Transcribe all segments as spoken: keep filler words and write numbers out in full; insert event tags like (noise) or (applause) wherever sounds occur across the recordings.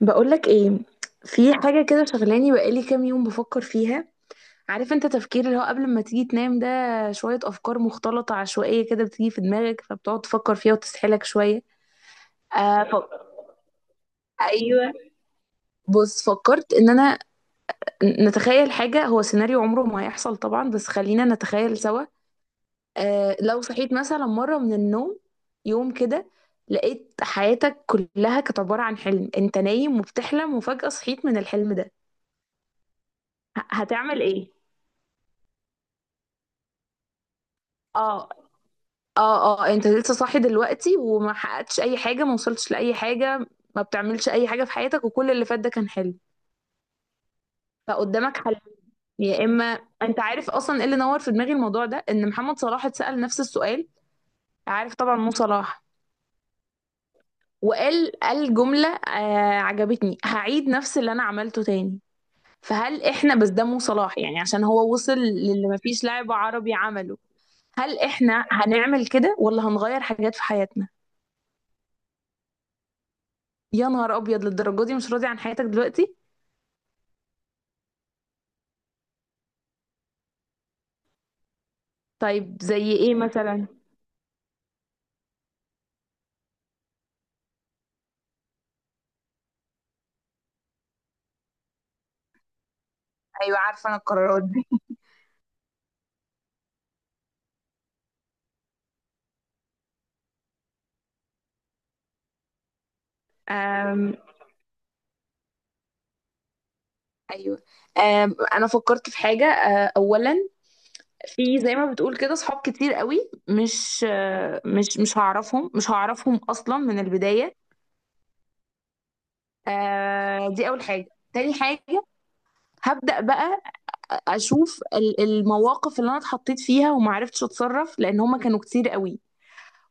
بقولك ايه؟ في حاجة كده شغلاني بقالي كام يوم بفكر فيها. عارف انت تفكير اللي هو قبل ما تيجي تنام ده؟ شوية أفكار مختلطة عشوائية كده بتيجي في دماغك، فبتقعد تفكر فيها وتسحلك شوية. آه ف... أيوه. بص، فكرت إن أنا نتخيل حاجة، هو سيناريو عمره ما هيحصل طبعا، بس خلينا نتخيل سوا. آه لو صحيت مثلا مرة من النوم، يوم كده، لقيت حياتك كلها كانت عبارة عن حلم، انت نايم وبتحلم وفجأة صحيت من الحلم ده، ه- هتعمل ايه؟ اه. اه اه، انت لسه صاحي دلوقتي وما حققتش اي حاجه، ما وصلتش لاي حاجه، ما بتعملش اي حاجه في حياتك، وكل اللي فات ده كان حلو. فقدامك حل، يا اما... انت عارف اصلا ايه اللي نور في دماغي الموضوع ده؟ ان محمد صلاح اتسال نفس السؤال. عارف طبعا مو صلاح؟ وقال، قال جمله آه عجبتني، هعيد نفس اللي انا عملته تاني. فهل احنا بس ده مو صلاح يعني، عشان هو وصل للي مفيش لاعب عربي عمله. هل احنا هنعمل كده ولا هنغير حاجات في حياتنا؟ يا نهار ابيض، للدرجه دي مش راضي عن حياتك دلوقتي؟ طيب زي ايه مثلا؟ ايوه، عارفه انا القرارات دي. أم ايوه. أم انا فكرت في حاجه، أه، اولا، في زي ما بتقول كده صحاب كتير قوي، مش أه، مش مش هعرفهم مش هعرفهم اصلا من البدايه. أه، دي اول حاجه. تاني حاجه، هبدا بقى اشوف ال- المواقف اللي انا اتحطيت فيها وما عرفتش اتصرف، لان هما كانوا كتير قوي،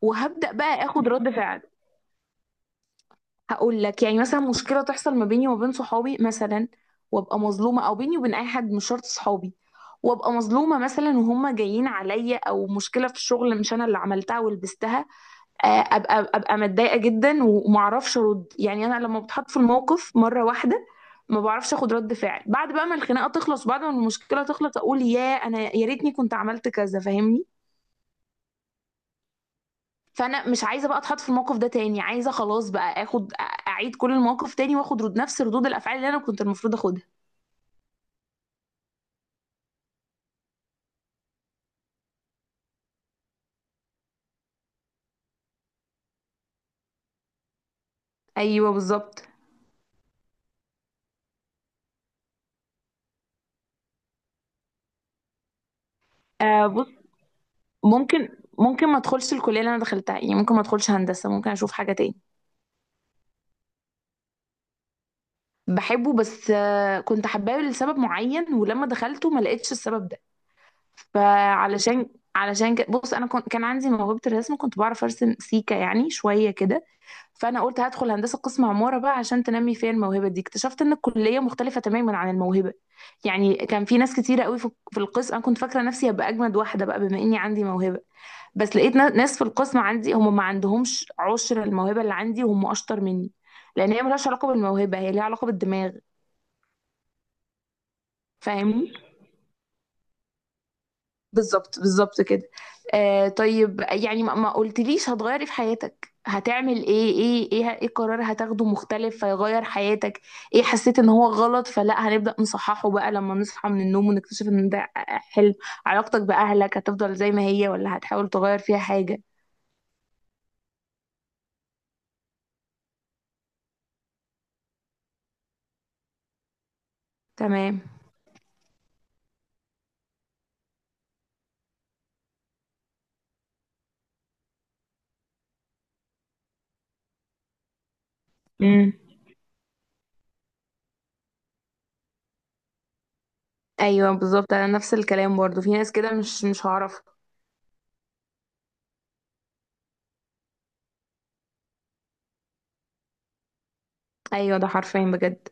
وهبدا بقى اخد رد فعل. هقول لك يعني، مثلا مشكله تحصل ما بيني وما بين صحابي مثلا، وابقى مظلومه، او بيني وبين اي حد مش شرط صحابي، وابقى مظلومه مثلا وهم جايين عليا، او مشكله في الشغل مش انا اللي عملتها ولبستها، آه، ابقى ابقى متضايقه جدا ومعرفش ارد. يعني انا لما بتحط في الموقف مره واحده ما بعرفش اخد رد فعل، بعد بقى ما الخناقه تخلص، بعد ما المشكله تخلص، اقول يا انا يا ريتني كنت عملت كذا. فاهمني؟ فانا مش عايزه بقى اتحط في الموقف ده تاني، عايزه خلاص بقى اخد، اعيد كل المواقف تاني واخد رد نفس ردود الافعال اللي انا كنت المفروض اخدها. ايوه بالظبط. آه بص، ممكن ممكن ما ادخلش الكليه اللي انا دخلتها، يعني ممكن ما ادخلش هندسه، ممكن اشوف حاجه تاني. بحبه، بس آه كنت حباه لسبب معين، ولما دخلته ما لقيتش السبب ده. فعلشان علشان كده بص، انا كنت كان عندي موهبه الرسم، كنت بعرف ارسم سيكا يعني شويه كده. فانا قلت هدخل هندسه قسم عماره بقى عشان تنمي فيا الموهبه دي. اكتشفت ان الكليه مختلفه تماما عن الموهبه. يعني كان في ناس كتيره قوي في في القسم، انا كنت فاكره نفسي هبقى اجمد واحده بقى بما اني عندي موهبه، بس لقيت نا- ناس في القسم عندي هم ما عندهمش عشر الموهبه اللي عندي، وهم اشطر مني، لان هي ملهاش علاقه بالموهبه، هي ليها علاقه بالدماغ. فاهمني؟ بالظبط بالظبط كده. آه طيب يعني، ما ما قلتليش هتغيري في حياتك، هتعمل ايه ايه ايه ايه قرار هتاخده مختلف فيغير حياتك؟ ايه حسيت ان هو غلط فلا، هنبدأ نصححه بقى لما نصحى من النوم ونكتشف ان ده حلم؟ علاقتك بأهلك هتفضل زي ما هي ولا هتحاول تغير فيها حاجة؟ تمام. امم، ايوه بالظبط، انا نفس الكلام برضو، في ناس كده مش مش هعرف. ايوه، ده حرفيا بجد.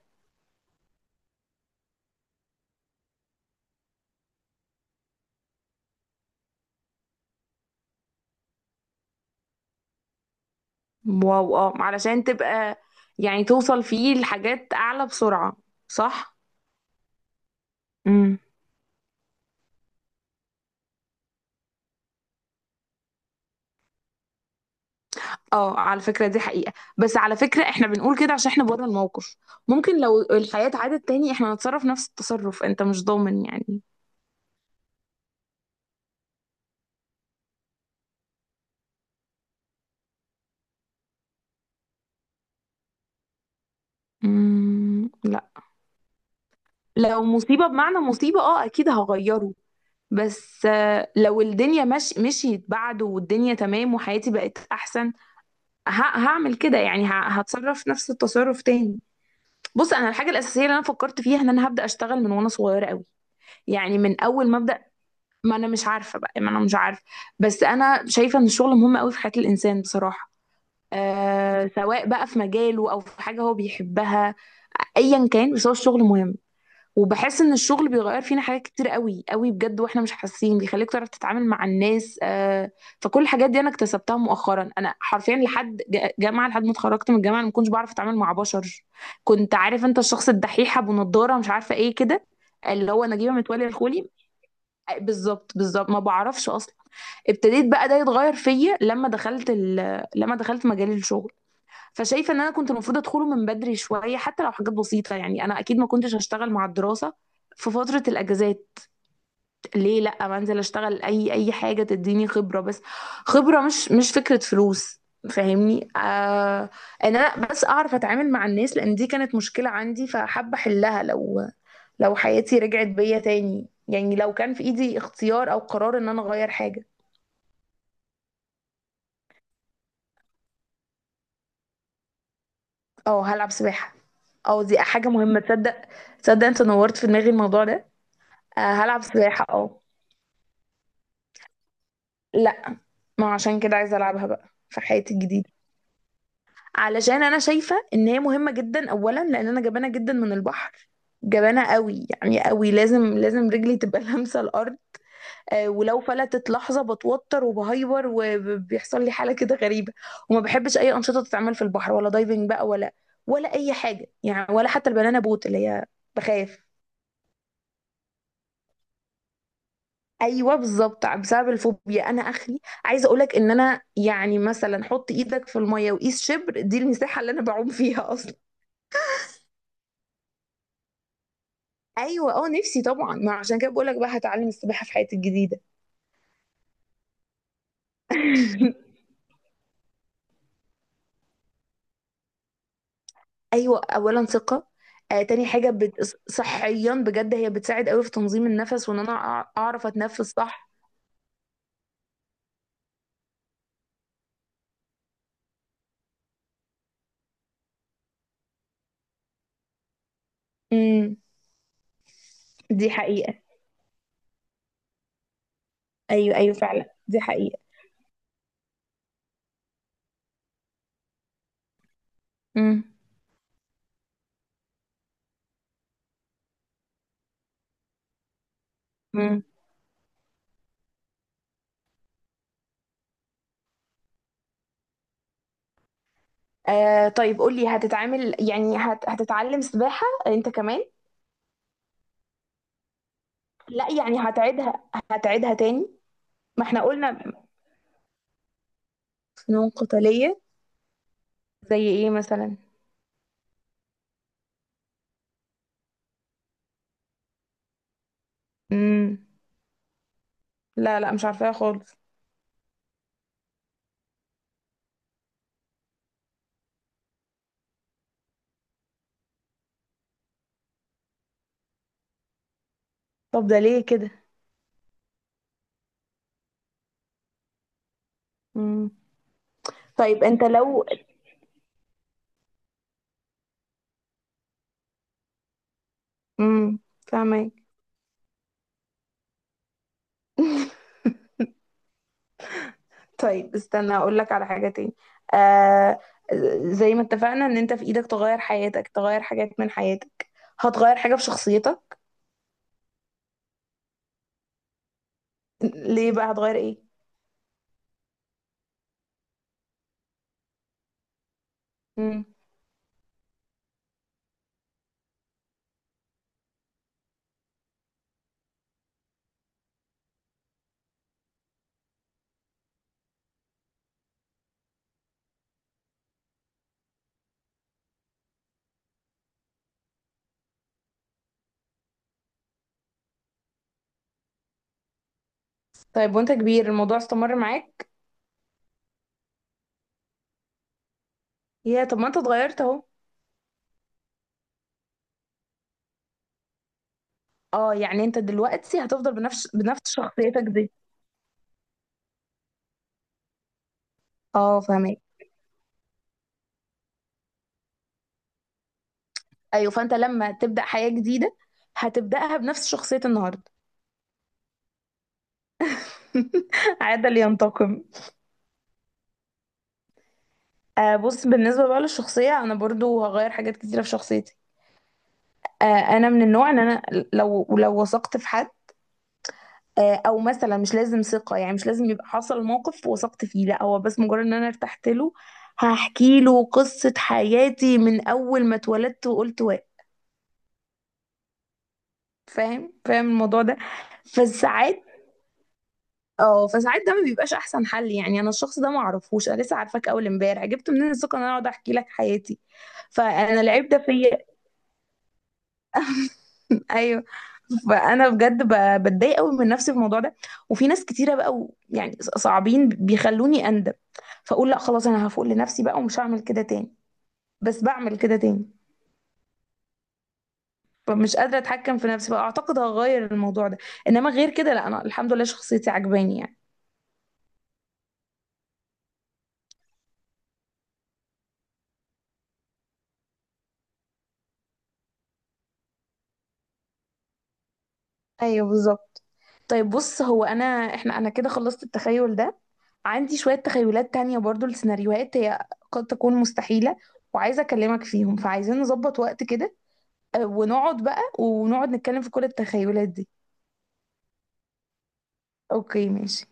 واو. اه، علشان تبقى، يعني توصل فيه لحاجات اعلى بسرعة. صح. امم. اه، على فكرة دي حقيقة، بس على فكرة احنا بنقول كده عشان احنا بره الموقف، ممكن لو الحياة اتعادت تاني احنا نتصرف نفس التصرف، انت مش ضامن يعني. امم، لا. لو مصيبة بمعنى مصيبة، اه اكيد هغيره، بس آه، لو الدنيا مش مشيت بعده والدنيا تمام وحياتي بقت احسن، ه- هعمل كده يعني، ه- هتصرف نفس التصرف تاني. بص، انا الحاجة الاساسية اللي انا فكرت فيها، ان انا هبدأ اشتغل من وانا صغيرة قوي، يعني من اول ما ابدأ. ما انا مش عارفه بقى، ما انا مش عارفه، بس انا شايفه ان الشغل مهم قوي في حياه الانسان بصراحه. آه سواء بقى في مجاله او في حاجه هو بيحبها، ايا كان، بس هو الشغل مهم. وبحس ان الشغل بيغير فينا حاجات كتير قوي قوي بجد واحنا مش حاسين، بيخليك تعرف تتعامل مع الناس. آه فكل الحاجات دي انا اكتسبتها مؤخرا. انا حرفيا لحد ج- جامعه، لحد ما اتخرجت من الجامعه انا ما كنتش بعرف اتعامل مع بشر. كنت عارف انت الشخص الدحيح ابو نضاره، مش عارفه ايه كده، اللي هو نجيبه متولي الخولي. بالظبط بالظبط، ما بعرفش اصلا. ابتديت بقى ده يتغير فيا لما دخلت ال... لما دخلت مجال الشغل. فشايفه ان انا كنت المفروض ادخله من بدري شويه، حتى لو حاجات بسيطه، يعني انا اكيد ما كنتش هشتغل مع الدراسه في فتره الاجازات. ليه لا؟ ما انزل اشتغل اي اي حاجه تديني خبره بس، خبره، مش مش فكره فلوس، فاهمني؟ آه ان انا بس اعرف اتعامل مع الناس، لان دي كانت مشكله عندي، فحابه احلها، لو لو حياتي رجعت بيا تاني يعني، لو كان في ايدي اختيار او قرار ان انا اغير حاجه. اه هلعب سباحة. اه، دي حاجة مهمة، تصدق؟ تصدق، انت نورت في دماغي الموضوع ده. آه هلعب سباحة، اه. لا، ما عشان كده عايزة العبها بقى في حياتي الجديدة. علشان انا شايفة ان هي مهمة جدا، اولا لان انا جبانة جدا من البحر، جبانة قوي يعني، قوي، لازم لازم رجلي تبقى (laughs) لامسة الارض. آه ولو فلتت لحظة بتوتر وبهيبر وبيحصل لي حالة كده غريبة، وما بحبش اي انشطة تتعمل في البحر، ولا دايفنج بقى، ولا ولا اي حاجة يعني، ولا حتى البنانا بوت اللي هي، بخاف. ايوه بالظبط، بسبب الفوبيا انا اخري. عايزه اقولك ان انا يعني، مثلا حط ايدك في الميه وقيس شبر، دي المساحه اللي انا بعوم فيها اصلا. ايوه، اه، نفسي طبعا، ما عشان كده بقولك بقى، هتعلم السباحه في حياتي الجديده. (laughs) ايوه، اولا ثقه. آه تاني حاجه بت... صحيا بجد، هي بتساعد قوي في تنظيم النفس وان انا أع- اعرف اتنفس صح. امم دي حقيقه. ايوه ايوه فعلا دي حقيقه. امم امم. آه طيب قولي، هتتعامل يعني، هت... هتتعلم سباحه انت كمان؟ لا يعني هتعيدها هتعيدها تاني. ما احنا قلنا. فنون قتالية. زي ايه مثلا؟ امم، لا لا، مش عارفاها خالص. طب ده ليه كده؟ امم طيب انت لو. امم فاهمك. (laughs) طيب استنى اقول لك على حاجة تاني. آه، زي ما اتفقنا ان انت في ايدك تغير حياتك، تغير حاجات من حياتك، هتغير حاجة في شخصيتك؟ ليه بقى؟ هتغير ايه؟ امم طيب وانت كبير الموضوع استمر معاك؟ يا طب، ما انت اتغيرت اهو. اه، يعني انت دلوقتي هتفضل بنفس بنفس شخصيتك دي؟ اه، فاهمك. ايوه، فانت لما تبدأ حياة جديدة هتبدأها بنفس شخصية النهاردة. (laughs) عاد لينتقم. آه بص، بالنسبة بقى للشخصية انا برضو هغير حاجات كتيرة في شخصيتي. آه انا من النوع ان انا، لو لو وثقت في حد، آه او مثلا مش لازم ثقة يعني، مش لازم يبقى حصل موقف وثقت فيه، لا، هو بس مجرد ان انا ارتحت له، هحكي له قصة حياتي من اول ما اتولدت وقلت واعي. فاهم فاهم الموضوع ده؟ فساعات، اه فساعات ده ما بيبقاش احسن حل، يعني انا الشخص ده ما اعرفوش، انا لسه عارفاك اول امبارح، جبت منين الثقه ان انا اقعد احكي لك حياتي؟ فانا العيب ده فيا. (laughs) ايوه. فانا بجد ب- بتضايق قوي من نفسي في الموضوع ده. وفي ناس كتيره بقى، و- يعني ص- صعبين، بيخلوني اندم، فاقول لا خلاص انا هفوق لنفسي بقى ومش هعمل كده تاني، بس بعمل كده تاني. فمش قادره اتحكم في نفسي بقى، اعتقد هغير الموضوع ده. انما غير كده لا، انا الحمد لله شخصيتي عجباني يعني. ايوه بالظبط. طيب بص، هو انا احنا انا كده خلصت التخيل ده. عندي شوية تخيلات تانية برضو لسيناريوهات، هي قد تكون مستحيلة، وعايزة أكلمك فيهم، فعايزين نظبط وقت كده، آه، ونقعد بقى ونقعد نتكلم في كل التخيلات دي. أوكي ماشي.